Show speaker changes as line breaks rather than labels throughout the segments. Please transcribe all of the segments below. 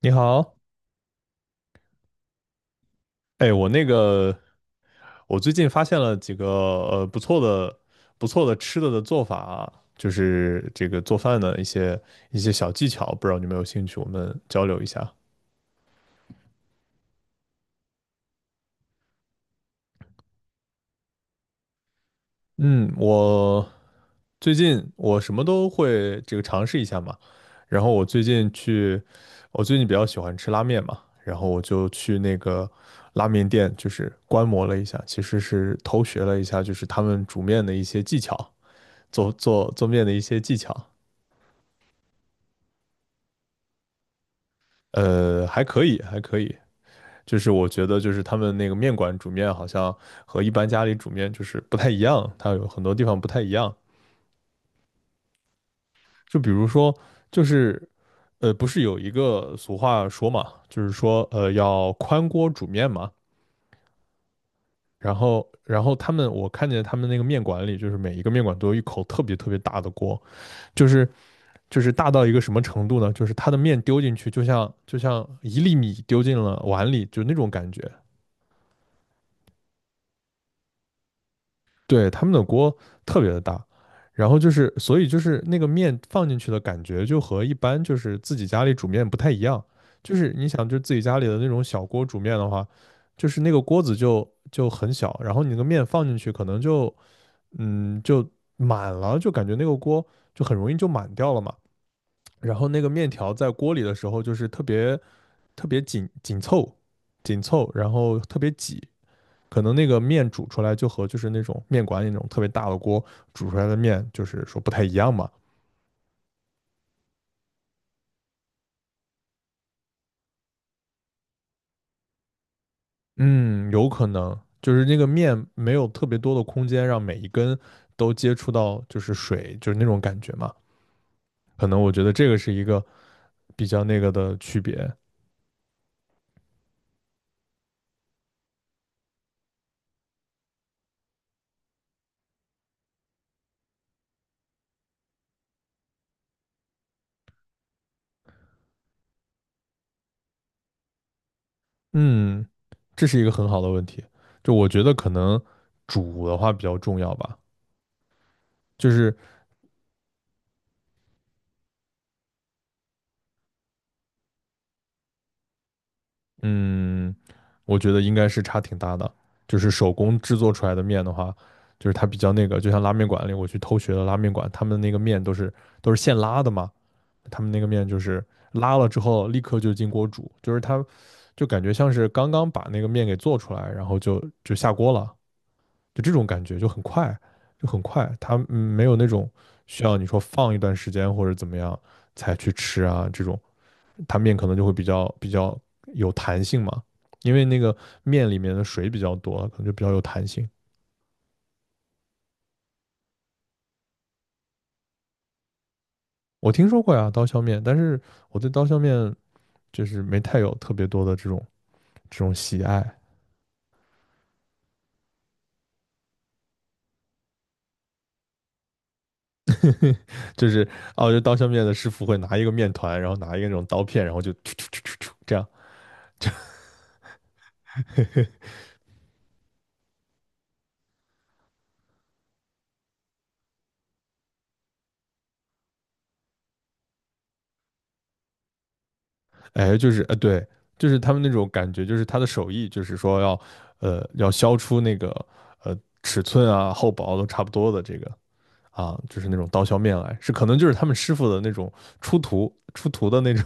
你好，哎，我那个，我最近发现了几个不错的、吃的的做法啊，就是这个做饭的一些小技巧，不知道你有没有兴趣，我们交流一下。嗯，我最近我什么都会这个尝试一下嘛，然后我最近去，我最近比较喜欢吃拉面嘛，然后我就去那个拉面店，就是观摩了一下，其实是偷学了一下，就是他们煮面的一些技巧。做面的一些技巧，还可以，还可以。就是我觉得，就是他们那个面馆煮面好像和一般家里煮面就是不太一样，它有很多地方不太一样。就比如说，就是不是有一个俗话说嘛，就是说要宽锅煮面嘛。然后我看见他们那个面馆里，就是每一个面馆都有一口特别特别大的锅，就是大到一个什么程度呢？就是它的面丢进去，就像一粒米丢进了碗里，就那种感觉。对，他们的锅特别的大，然后就是所以就是那个面放进去的感觉，就和一般就是自己家里煮面不太一样。就是你想，就自己家里的那种小锅煮面的话，就是那个锅子就很小，然后你那个面放进去，可能就满了，就感觉那个锅就很容易就满掉了嘛。然后那个面条在锅里的时候，就是特别特别紧凑，然后特别挤。可能那个面煮出来就和就是那种面馆里那种特别大的锅煮出来的面，就是说不太一样嘛。嗯，有可能就是那个面没有特别多的空间让每一根都接触到就是水，就是那种感觉嘛。可能我觉得这个是一个比较那个的区别。嗯，这是一个很好的问题。就我觉得可能煮的话比较重要吧，就是嗯，我觉得应该是差挺大的。就是手工制作出来的面的话，就是它比较那个，就像拉面馆里我去偷学的拉面馆，他们那个面都是现拉的嘛，他们那个面就是拉了之后立刻就进锅煮，就是它就感觉像是刚刚把那个面给做出来，然后就下锅了，就这种感觉就很快，就很快，它没有那种需要你说放一段时间或者怎么样才去吃啊这种，它面可能就会比较有弹性嘛，因为那个面里面的水比较多，可能就比较有弹性。我听说过呀，刀削面，但是我对刀削面就是没太有特别多的这种喜爱，就是哦，就刀削面的师傅会拿一个面团，然后拿一个那种刀片，然后就突突突突突这样，哎，就是对，就是他们那种感觉，就是他的手艺，就是说要要削出那个呃尺寸啊厚薄都差不多的这个啊，就是那种刀削面来，是可能就是他们师傅的那种出徒出徒的那种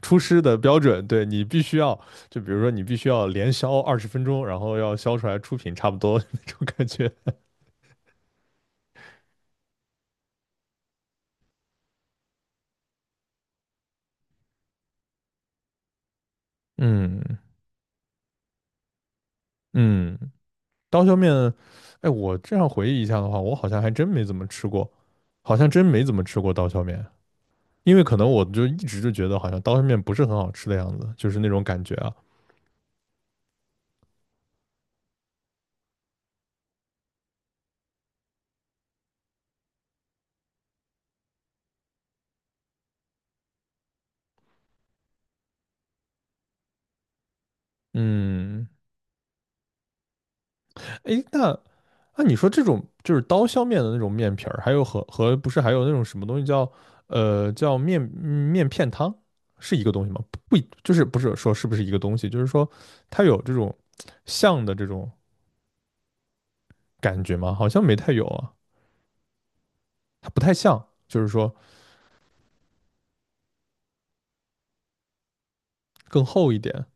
出师的标准，对你必须要，就比如说你必须要连削20分钟，然后要削出来出品差不多那种感觉。嗯嗯，刀削面，哎，我这样回忆一下的话，我好像还真没怎么吃过，好像真没怎么吃过刀削面，因为可能我就一直就觉得好像刀削面不是很好吃的样子，就是那种感觉啊。嗯，哎，那你说这种就是刀削面的那种面皮儿，还有和不是还有那种什么东西叫叫面片汤，是一个东西吗？不，就是不是说是不是一个东西，就是说它有这种像的这种感觉吗？好像没太有啊，它不太像，就是说更厚一点。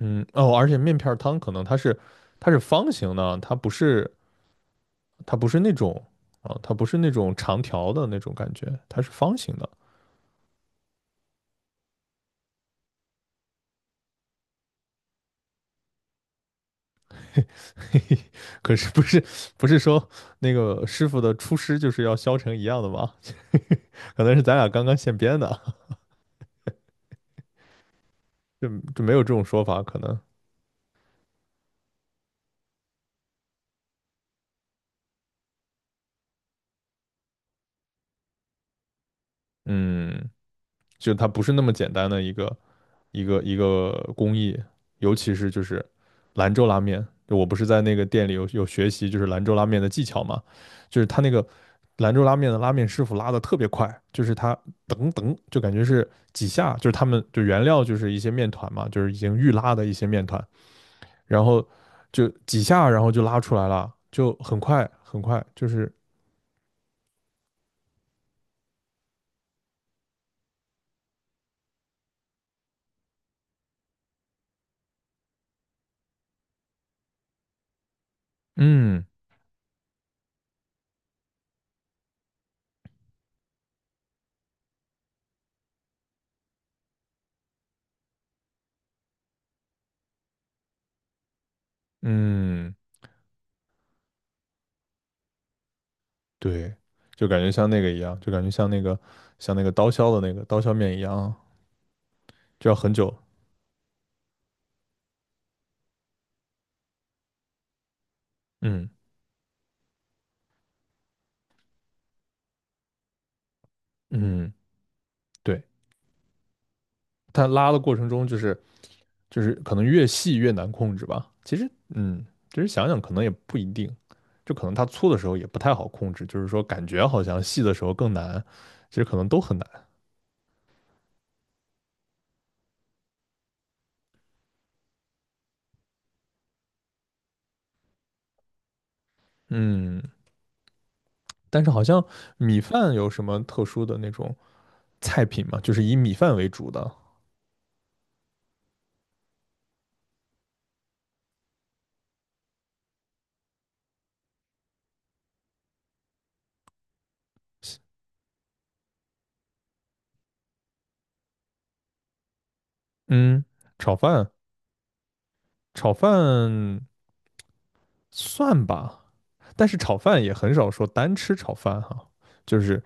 嗯，哦，而且面片儿汤可能它是方形的，它不是那种啊，它不是那种长条的那种感觉，它是方形的。嘿嘿，可是不是说那个师傅的出师就是要削成一样的吗？可能是咱俩刚刚现编的，就就没有这种说法，可能嗯，就它不是那么简单的一个工艺，尤其是就是兰州拉面，就我不是在那个店里有学习就是兰州拉面的技巧嘛，就是他那个兰州拉面的拉面师傅拉的特别快，就是他噔噔就感觉是几下，就是他们就原料就是一些面团嘛，就是已经预拉的一些面团。然后就几下，然后就拉出来了，就很快很快，就是嗯嗯，对，就感觉像那个一样，就感觉像那个刀削的那个刀削面一样，就要很久，嗯嗯，对，它拉的过程中就是可能越细越难控制吧，其实嗯，其实想想可能也不一定。就可能它粗的时候也不太好控制，就是说感觉好像细的时候更难，其实可能都很难。嗯，但是好像米饭有什么特殊的那种菜品吗？就是以米饭为主的。嗯，炒饭，炒饭算吧，但是炒饭也很少说单吃炒饭哈、就是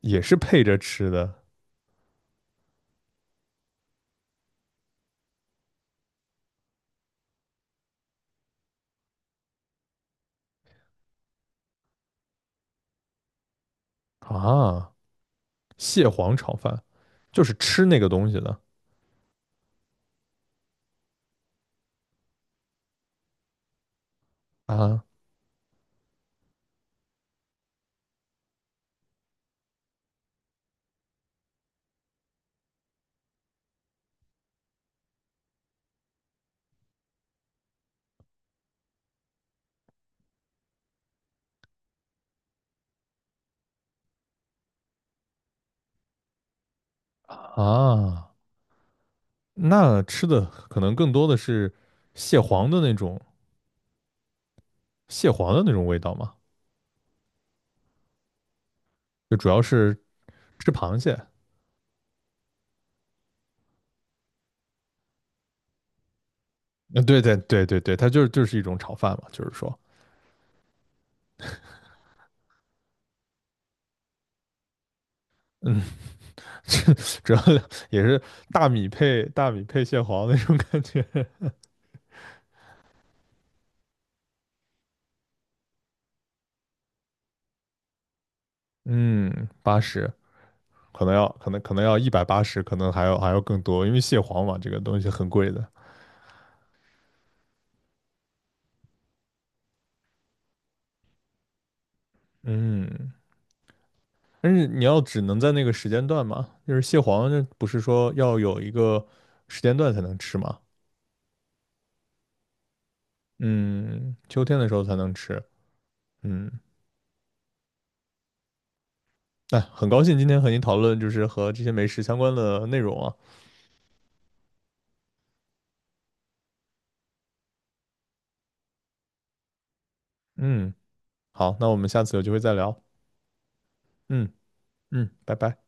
也是配着吃的啊。蟹黄炒饭就是吃那个东西的啊啊，那吃的可能更多的是蟹黄的那种蟹黄的那种味道嘛，就主要是吃螃蟹嗯，对对对对对，它就是一种炒饭嘛，就是说，嗯，主要也是大米配大米配蟹黄那种感觉。嗯，80可能要180，可能还要更多，因为蟹黄嘛，这个东西很贵的。嗯，但是你要只能在那个时间段嘛，就是蟹黄这不是说要有一个时间段才能吃嘛？嗯，秋天的时候才能吃。嗯，哎，很高兴今天和您讨论就是和这些美食相关的内容啊。嗯。好，那我们下次有机会再聊。嗯嗯，拜拜。